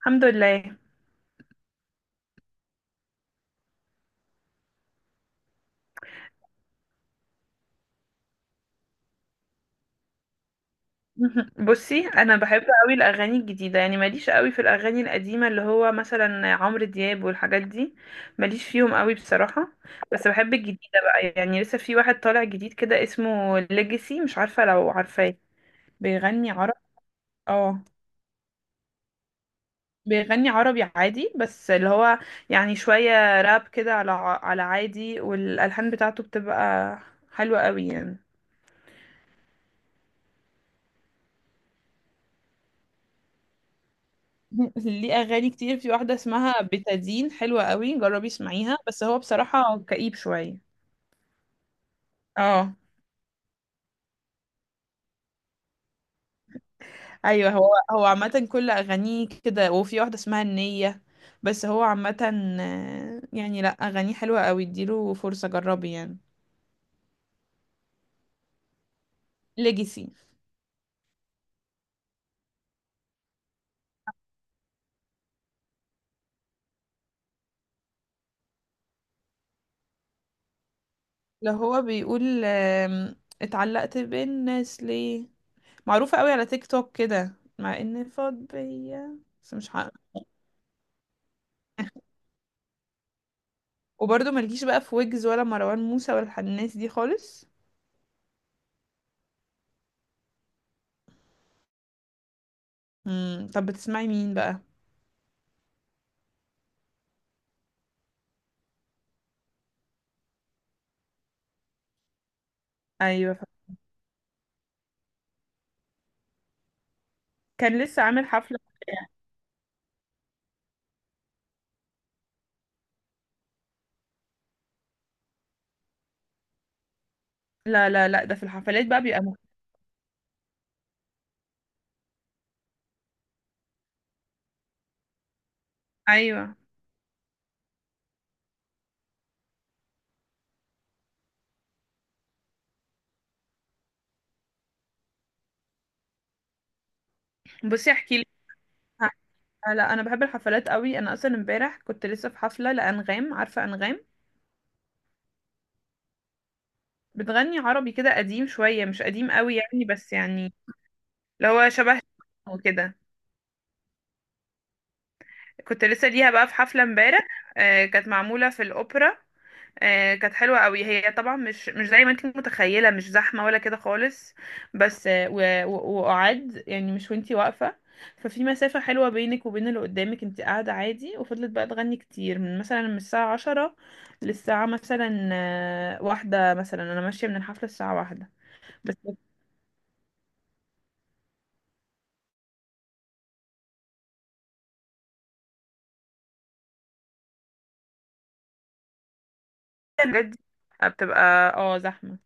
الحمد لله. بصي، انا بحب قوي الاغاني الجديده، يعني ماليش قوي في الاغاني القديمه اللي هو مثلا عمرو دياب والحاجات دي، ماليش فيهم قوي بصراحه. بس بحب الجديده بقى، يعني لسه في واحد طالع جديد كده اسمه ليجاسي، مش عارفه لو عارفاه. بيغني عرب، اه، بيغني عربي عادي، بس اللي هو يعني شويه راب كده، على عادي، والالحان بتاعته بتبقى حلوه قوي يعني. ليه اغاني كتير، في واحده اسمها بتادين، حلوه قوي، جربي اسمعيها، بس هو بصراحه كئيب شويه. اه. ايوه، هو عامه كل اغانيه كده، وفي واحده اسمها النيه، بس هو عامه يعني لا، اغانيه حلوه قوي، اديله فرصه، جربي يعني. ليجاسي اللي هو بيقول اتعلقت بالناس ليه. معروفه قوي على تيك توك كده، مع ان فاض بيا، بس مش عارفه. وبرضه ملكيش بقى في ويجز ولا مروان موسى ولا الناس دي خالص؟ طب بتسمعي مين بقى؟ ايوه. كان لسه عامل حفله. لا لا لا، ده في الحفلات بقى بيبقى ايوه. بصي احكي لك، لا انا بحب الحفلات قوي، انا اصلا امبارح كنت لسه في حفله لانغام، عارفه انغام؟ بتغني عربي كده قديم شويه، مش قديم قوي يعني، بس يعني اللي هو شبه وكده. كنت لسه ليها بقى في حفله امبارح، كانت معموله في الاوبرا. كانت حلوة قوي، هي طبعا مش زي ما انت متخيلة، مش زحمة ولا كده خالص. بس آه، و- و- وقعد يعني، مش وانتي واقفة، ففي مسافة حلوة بينك وبين اللي قدامك، انت قاعدة عادي، وفضلت بقى تغني كتير، من مثلا من الساعة عشرة للساعة مثلا واحدة، مثلا انا ماشية من الحفلة الساعة واحدة. بس الحاجات دي بتبقى اه زحمة.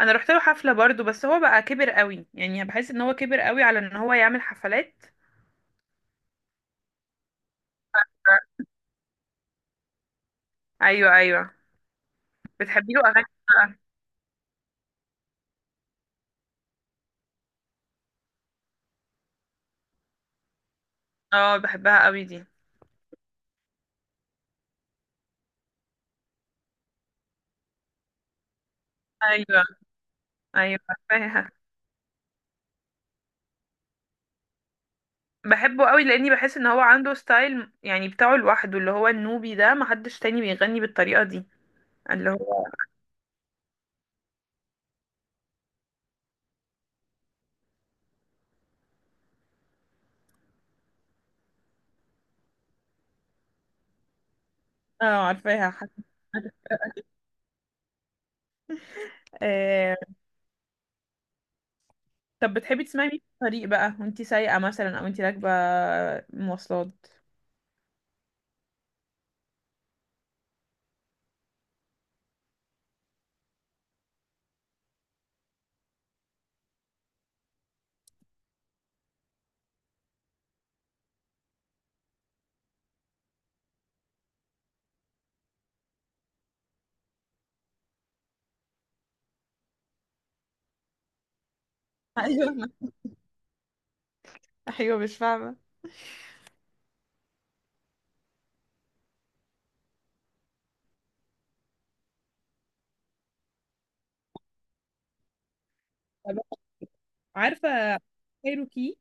انا رحت له حفلة برضو، بس هو بقى كبر قوي، يعني بحس ان هو كبر قوي على ان هو يعمل حفلات. ايوه ايوه. بتحبي له اغاني؟ اه، بحبها قوي دي. ايوه ايوه، عارفاها. بحبه قوي لاني بحس ان هو عنده ستايل يعني بتاعه لوحده، اللي هو النوبي ده، محدش تاني بيغني بالطريقه دي، اللي هو. اه عارفاها حتى. آه. طب بتحبي تسمعي مين في الطريق بقى وانتي سايقه مثلا، او انتي راكبه مواصلات؟ ايوه ايوه، مش فاهمه. طب عارفه كايروكي؟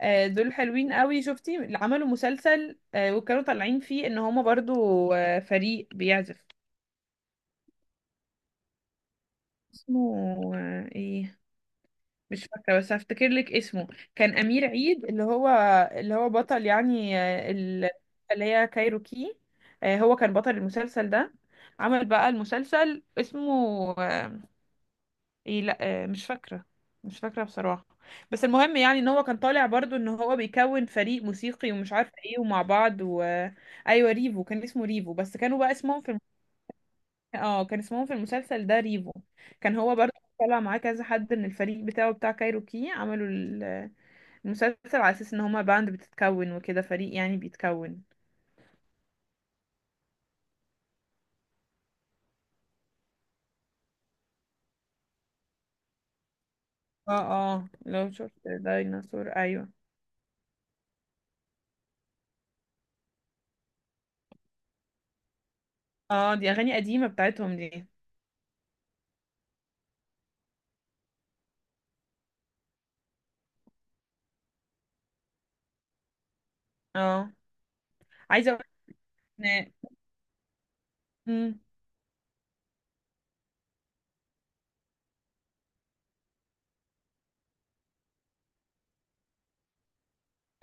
دول حلوين قوي. شفتي اللي عملوا مسلسل وكانوا طالعين فيه ان هما برضو فريق بيعزف؟ اسمه ايه، مش فاكرة، بس هفتكر لك اسمه. كان أمير عيد اللي هو، اللي هو بطل يعني اللي هي كايروكي، هو كان بطل المسلسل ده. عمل بقى المسلسل اسمه آه، ايه، لا، مش فاكرة، مش فاكرة بصراحة. بس المهم يعني ان هو كان طالع برضو ان هو بيكون فريق موسيقي ومش عارفة ايه ومع بعض. ايوه، ريفو، كان اسمه ريفو، بس كانوا بقى اسمهم في اه، كان اسمهم في المسلسل ده ريفو. كان هو برضو طلع معاه كذا حد من الفريق بتاعه، بتاع كايروكي، عملوا المسلسل على اساس ان هما باند بتتكون وكده، فريق يعني بيتكون. اه. اه لو شفت ديناصور، ايوه. اه دي اغاني قديمه بتاعتهم دي. اه، عايزه اقول ان امم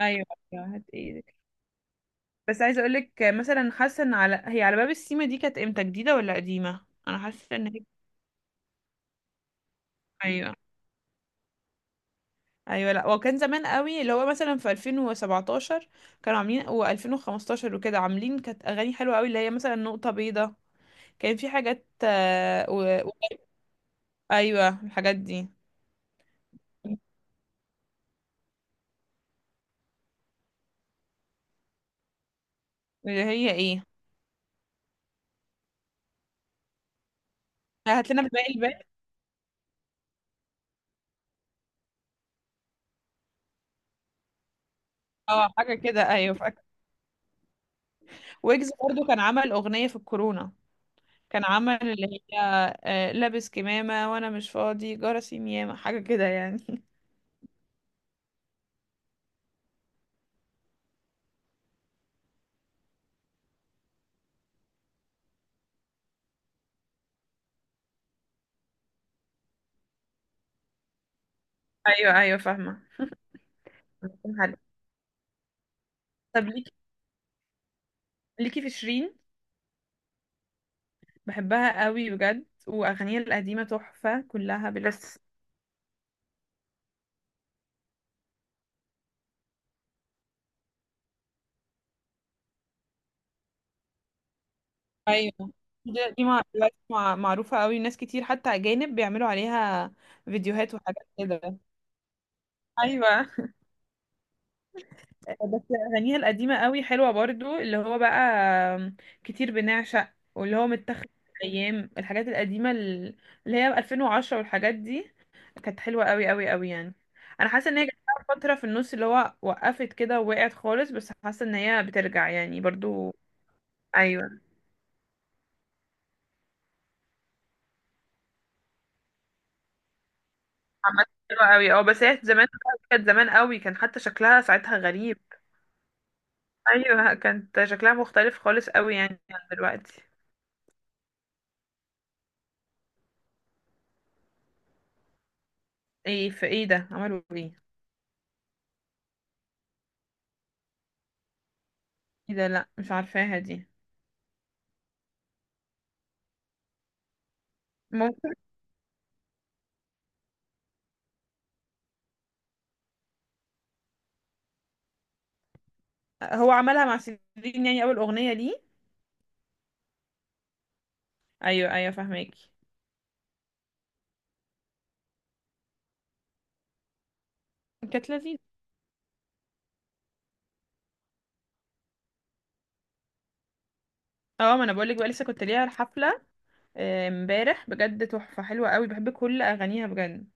ايوه. أيوة، هات ايدك. بس عايزه اقول لك مثلا، حاسه ان على هي على باب السيما دي كانت امتى، جديده ولا قديمه؟ انا حاسه ان هي، ايوه ايوه. لا وكان زمان قوي، اللي هو مثلا في 2017 كانوا عاملين، و2015 وكده عاملين، كانت اغاني حلوه قوي، اللي هي مثلا نقطه بيضاء، كان في حاجات. ايوه الحاجات دي. اللي هي ايه؟ هات لنا باقي الباقي. اه حاجه كده، ايوه فاكر. ويجز برضو كان عمل اغنيه في الكورونا، كان عمل اللي هي لابس كمامه وانا مش فاضي جرسي ميامه، حاجه كده يعني. ايوه ايوه فاهمه. حلو. طب ليكي، ليكي في شيرين؟ بحبها قوي بجد، واغانيها القديمه تحفه كلها بلا استثناء. ايوه، دي دي دلوقتي معروفه قوي، ناس كتير حتى اجانب بيعملوا عليها فيديوهات وحاجات كده. ايوه. بس أغانيها القديمة قوي حلوة برضو، اللي هو بقى كتير بنعشق، واللي هو متاخد من أيام الحاجات القديمة اللي هي 2010 والحاجات دي، كانت حلوة قوي قوي قوي يعني. أنا حاسة إن هي جت لها فترة في النص اللي هو وقفت كده ووقعت خالص، بس حاسة إن هي بترجع يعني برضو. أيوة. عامة حلوة قوي، اه، بس هي زمان، كانت زمان قوي، كان حتى شكلها ساعتها غريب. أيوة، كانت شكلها مختلف خالص قوي يعني عن دلوقتي. ايه؟ في ايه ده، عملوا ايه؟ ايه ده، لا مش عارفاها دي. ممكن. هو عملها مع شيرين يعني اول اغنيه ليه؟ ايوه ايوه فاهماكي. كانت لذيذه. اه ما انا بقولك بقى، لسه كنت ليها الحفله امبارح بجد، تحفه حلوه قوي، بحب كل اغانيها بجد.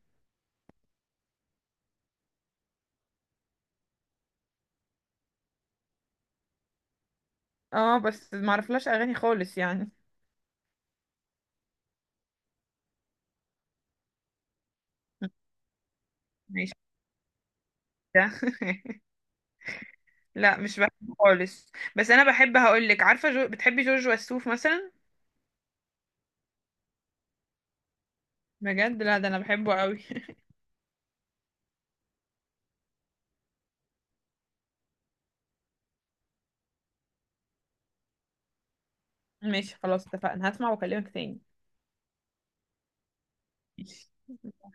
اه بس ما اعرفلاش اغاني خالص يعني. ماشي. ده لا مش بحبه خالص. بس انا بحب، هقولك، عارفه بتحبي جورج وسوف مثلا؟ بجد لا، ده انا بحبه قوي. ماشي، خلاص، اتفقنا، هسمع واكلمك تاني. ماشي.